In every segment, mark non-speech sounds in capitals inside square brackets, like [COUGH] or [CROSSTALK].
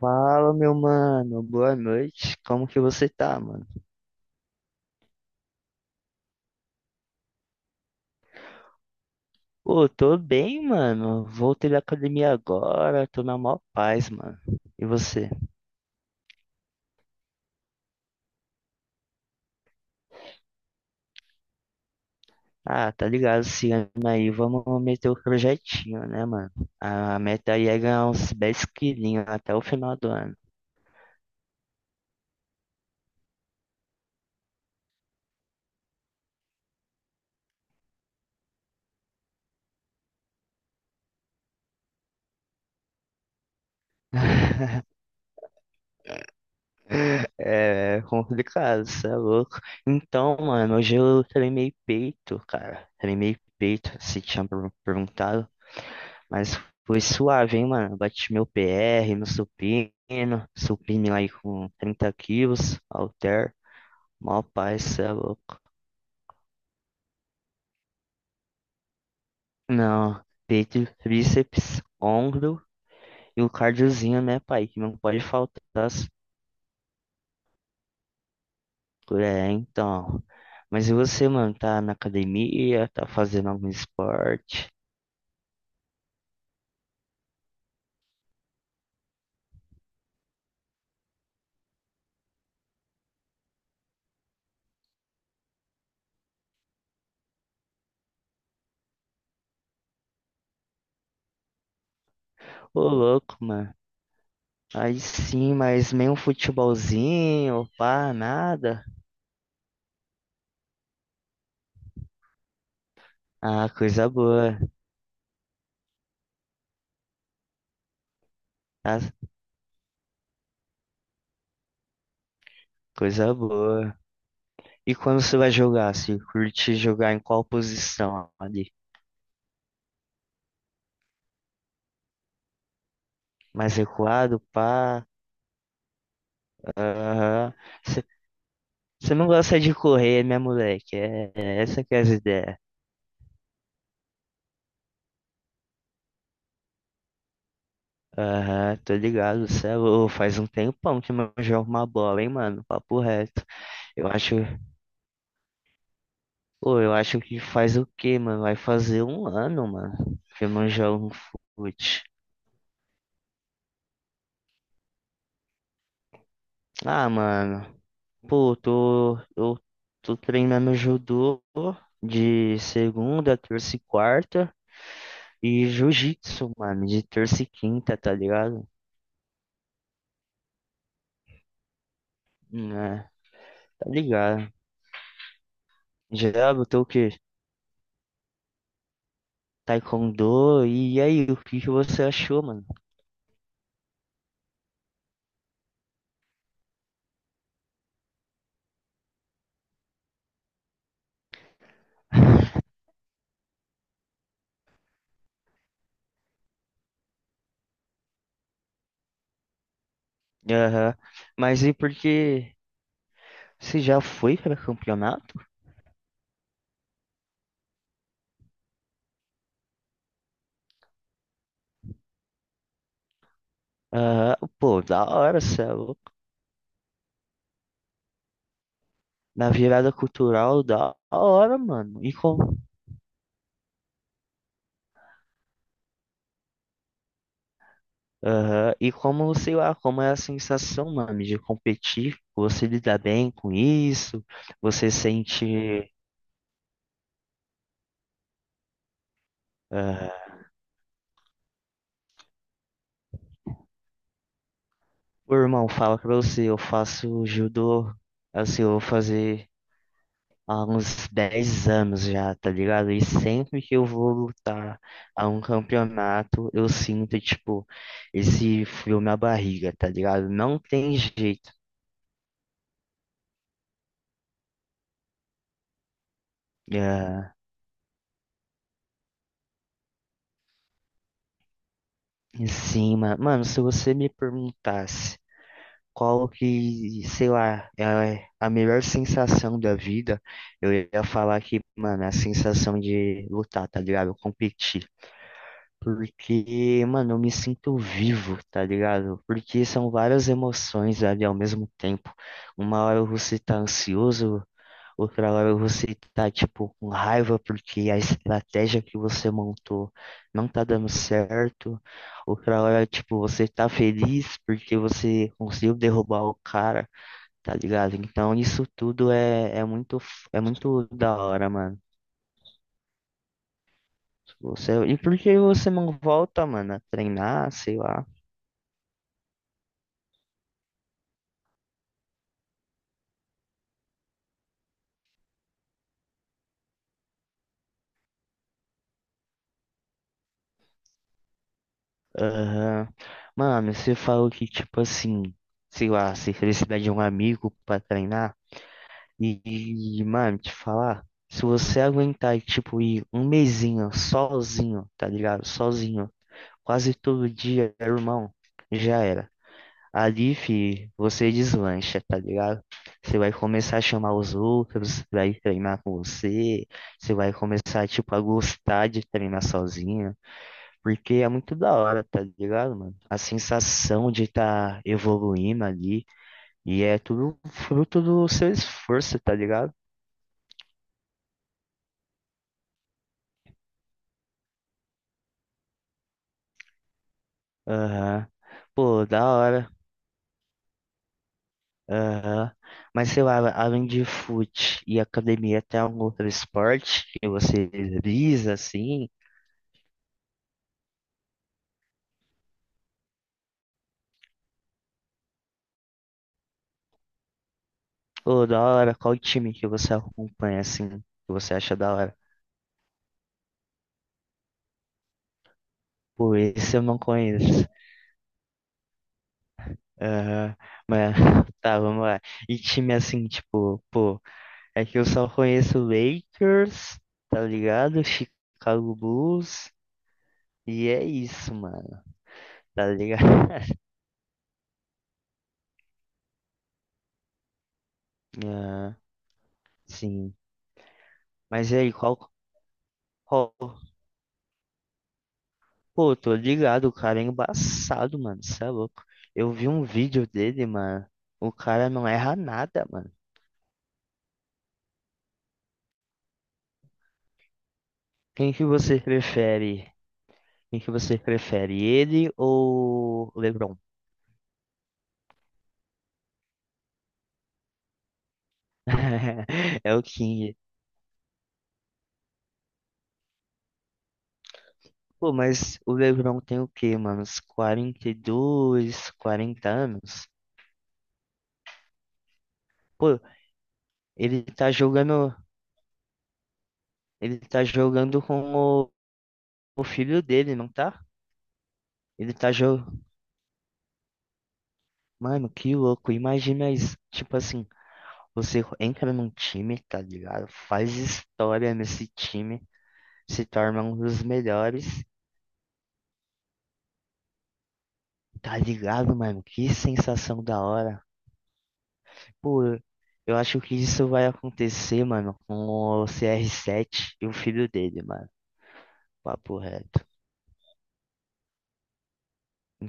Fala, meu mano. Boa noite. Como que você tá, mano? Pô, tô bem, mano. Voltei da academia agora. Tô na maior paz, mano. E você? Ah, tá ligado, esse ano aí. Vamos meter o projetinho, né, mano? A meta aí é ganhar uns 10 quilinhos até o final do ano. [LAUGHS] É complicado, cê é louco. Então, mano, hoje eu treinei peito, cara. Treinei peito, se tinha perguntado. Mas foi suave, hein, mano? Bati meu PR, meu supino, lá aí com 30 quilos, halter, mó paz, cê é louco. Não, peito, bíceps, ombro e o cardiozinho, né, pai? Que não pode faltar. É, então. Mas e você, mano? Tá na academia? Tá fazendo algum esporte? Ô, louco, mano. Aí sim, mas nem um futebolzinho, pá, nada. Ah, coisa boa. Ah, coisa boa. E quando você vai jogar, se curte jogar em qual posição ali? Mais recuado, pá? Aham. Você você não gosta de correr, né, moleque? É, é essa que é as ideias. Aham, tô ligado, cê é louco. Faz um tempão que eu não jogo uma bola, hein, mano? Papo reto. Eu acho, pô, eu acho que faz o quê, mano? Vai fazer um ano, mano, que eu não jogo um fute. Ah, mano. Pô, tô, eu tô treinando judô de segunda, terça e quarta e jiu-jitsu, mano, de terça e quinta, tá ligado? Né, tá ligado. Já botou o quê? Taekwondo, e aí, o que que você achou, mano? [LAUGHS] Aham. Mas e por que você já foi para campeonato? Aham. Pô, da hora, cê é louco. Na virada cultural, da hora, mano. E com Aham. E como, sei lá, como é a sensação, mano, de competir, você lida bem com isso, você sente, ah, o irmão fala pra você, eu faço judô, assim, eu vou fazer há uns 10 anos já, tá ligado? E sempre que eu vou lutar a um campeonato, eu sinto, tipo, esse frio na barriga, tá ligado? Não tem jeito. Ah, em cima, mano, se você me perguntasse qual que, sei lá, é a melhor sensação da vida, eu ia falar que, mano, é a sensação de lutar, tá ligado? Competir. Porque, mano, eu me sinto vivo, tá ligado? Porque são várias emoções ali ao mesmo tempo. Uma hora você tá ansioso. Outra hora você tá, tipo, com raiva porque a estratégia que você montou não tá dando certo. Outra hora, tipo, você tá feliz porque você conseguiu derrubar o cara, tá ligado? Então isso tudo é, é muito, é muito da hora, mano. Você, e por que você não volta, mano, a treinar, sei lá? Aham. Mano, você falou que, tipo assim, sei lá, você precisa de um amigo pra treinar. E, e, mano, te falar, se você aguentar, tipo, ir um mesinho sozinho, tá ligado? Sozinho, quase todo dia, irmão, já era. Ali, fi, você deslancha, tá ligado? Você vai começar a chamar os outros, vai treinar com você, você vai começar, tipo, a gostar de treinar sozinho, porque é muito da hora, tá ligado, mano? A sensação de estar tá evoluindo ali, e é tudo fruto do seu esforço, tá ligado? Aham. Pô, da hora. Aham. Mas sei lá, além de fute e academia, tem algum outro esporte que você visa, assim? Pô, da hora, qual time que você acompanha, assim, que você acha da hora? Pô, esse eu não conheço. Aham. Mas, [LAUGHS] tá, vamos lá. E time, assim, tipo, pô, é que eu só conheço Lakers, tá ligado? Chicago Bulls, e é isso, mano, tá ligado? [LAUGHS] Ah, sim. Mas e aí, qual. qual- Pô, tô ligado, o cara é embaçado, mano. Cê é louco. Eu vi um vídeo dele, mano. O cara não erra nada, mano. Quem que você prefere? Quem que você prefere? Ele ou o LeBron? [LAUGHS] É o King. Pô, mas o LeBron tem o quê, mano? Uns 42, 40 anos? Pô, ele tá jogando. Ele tá jogando com o filho dele, não tá? Ele tá, jo mano, que louco. Imagina isso. Tipo assim, você entra num time, tá ligado? Faz história nesse time, se torna um dos melhores, tá ligado, mano? Que sensação da hora. Pô, eu acho que isso vai acontecer, mano, com o CR7 e o filho dele, mano. Papo reto.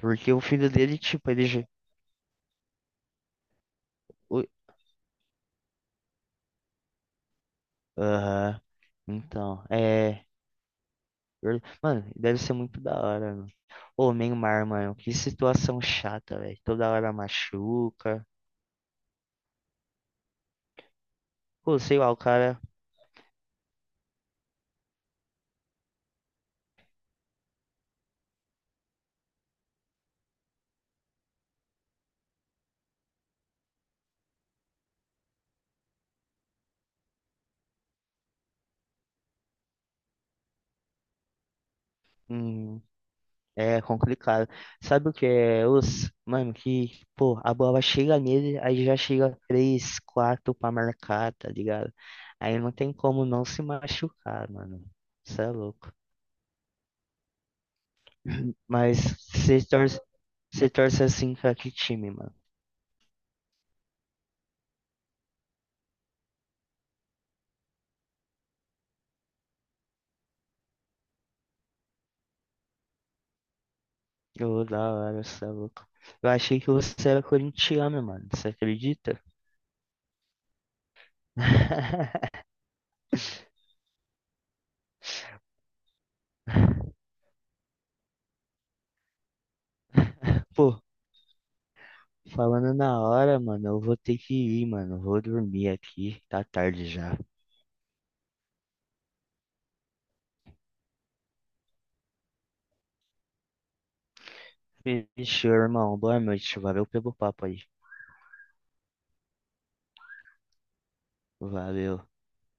Porque o filho dele, tipo, ele. O- Aham. Então, é. Mano, deve ser muito da hora, mano. Ô, Neymar, mano, que situação chata, velho. Toda hora machuca. Pô, sei lá, o cara. hum, é complicado. Sabe o que é os. Mano, que, pô, a bola chega nele, aí já chega três, quatro pra marcar, tá ligado? Aí não tem como não se machucar, mano. Isso é louco. [LAUGHS] Mas você torce, você torce assim pra que time, mano? Ô, da hora, você é louco. Eu achei que você era corintiano, mano. Você acredita? [LAUGHS] Pô, falando na hora, mano, eu vou ter que ir, mano. Eu vou dormir aqui, tá tarde já. Fechou, irmão. Boa noite. Valeu pelo papo aí. Valeu.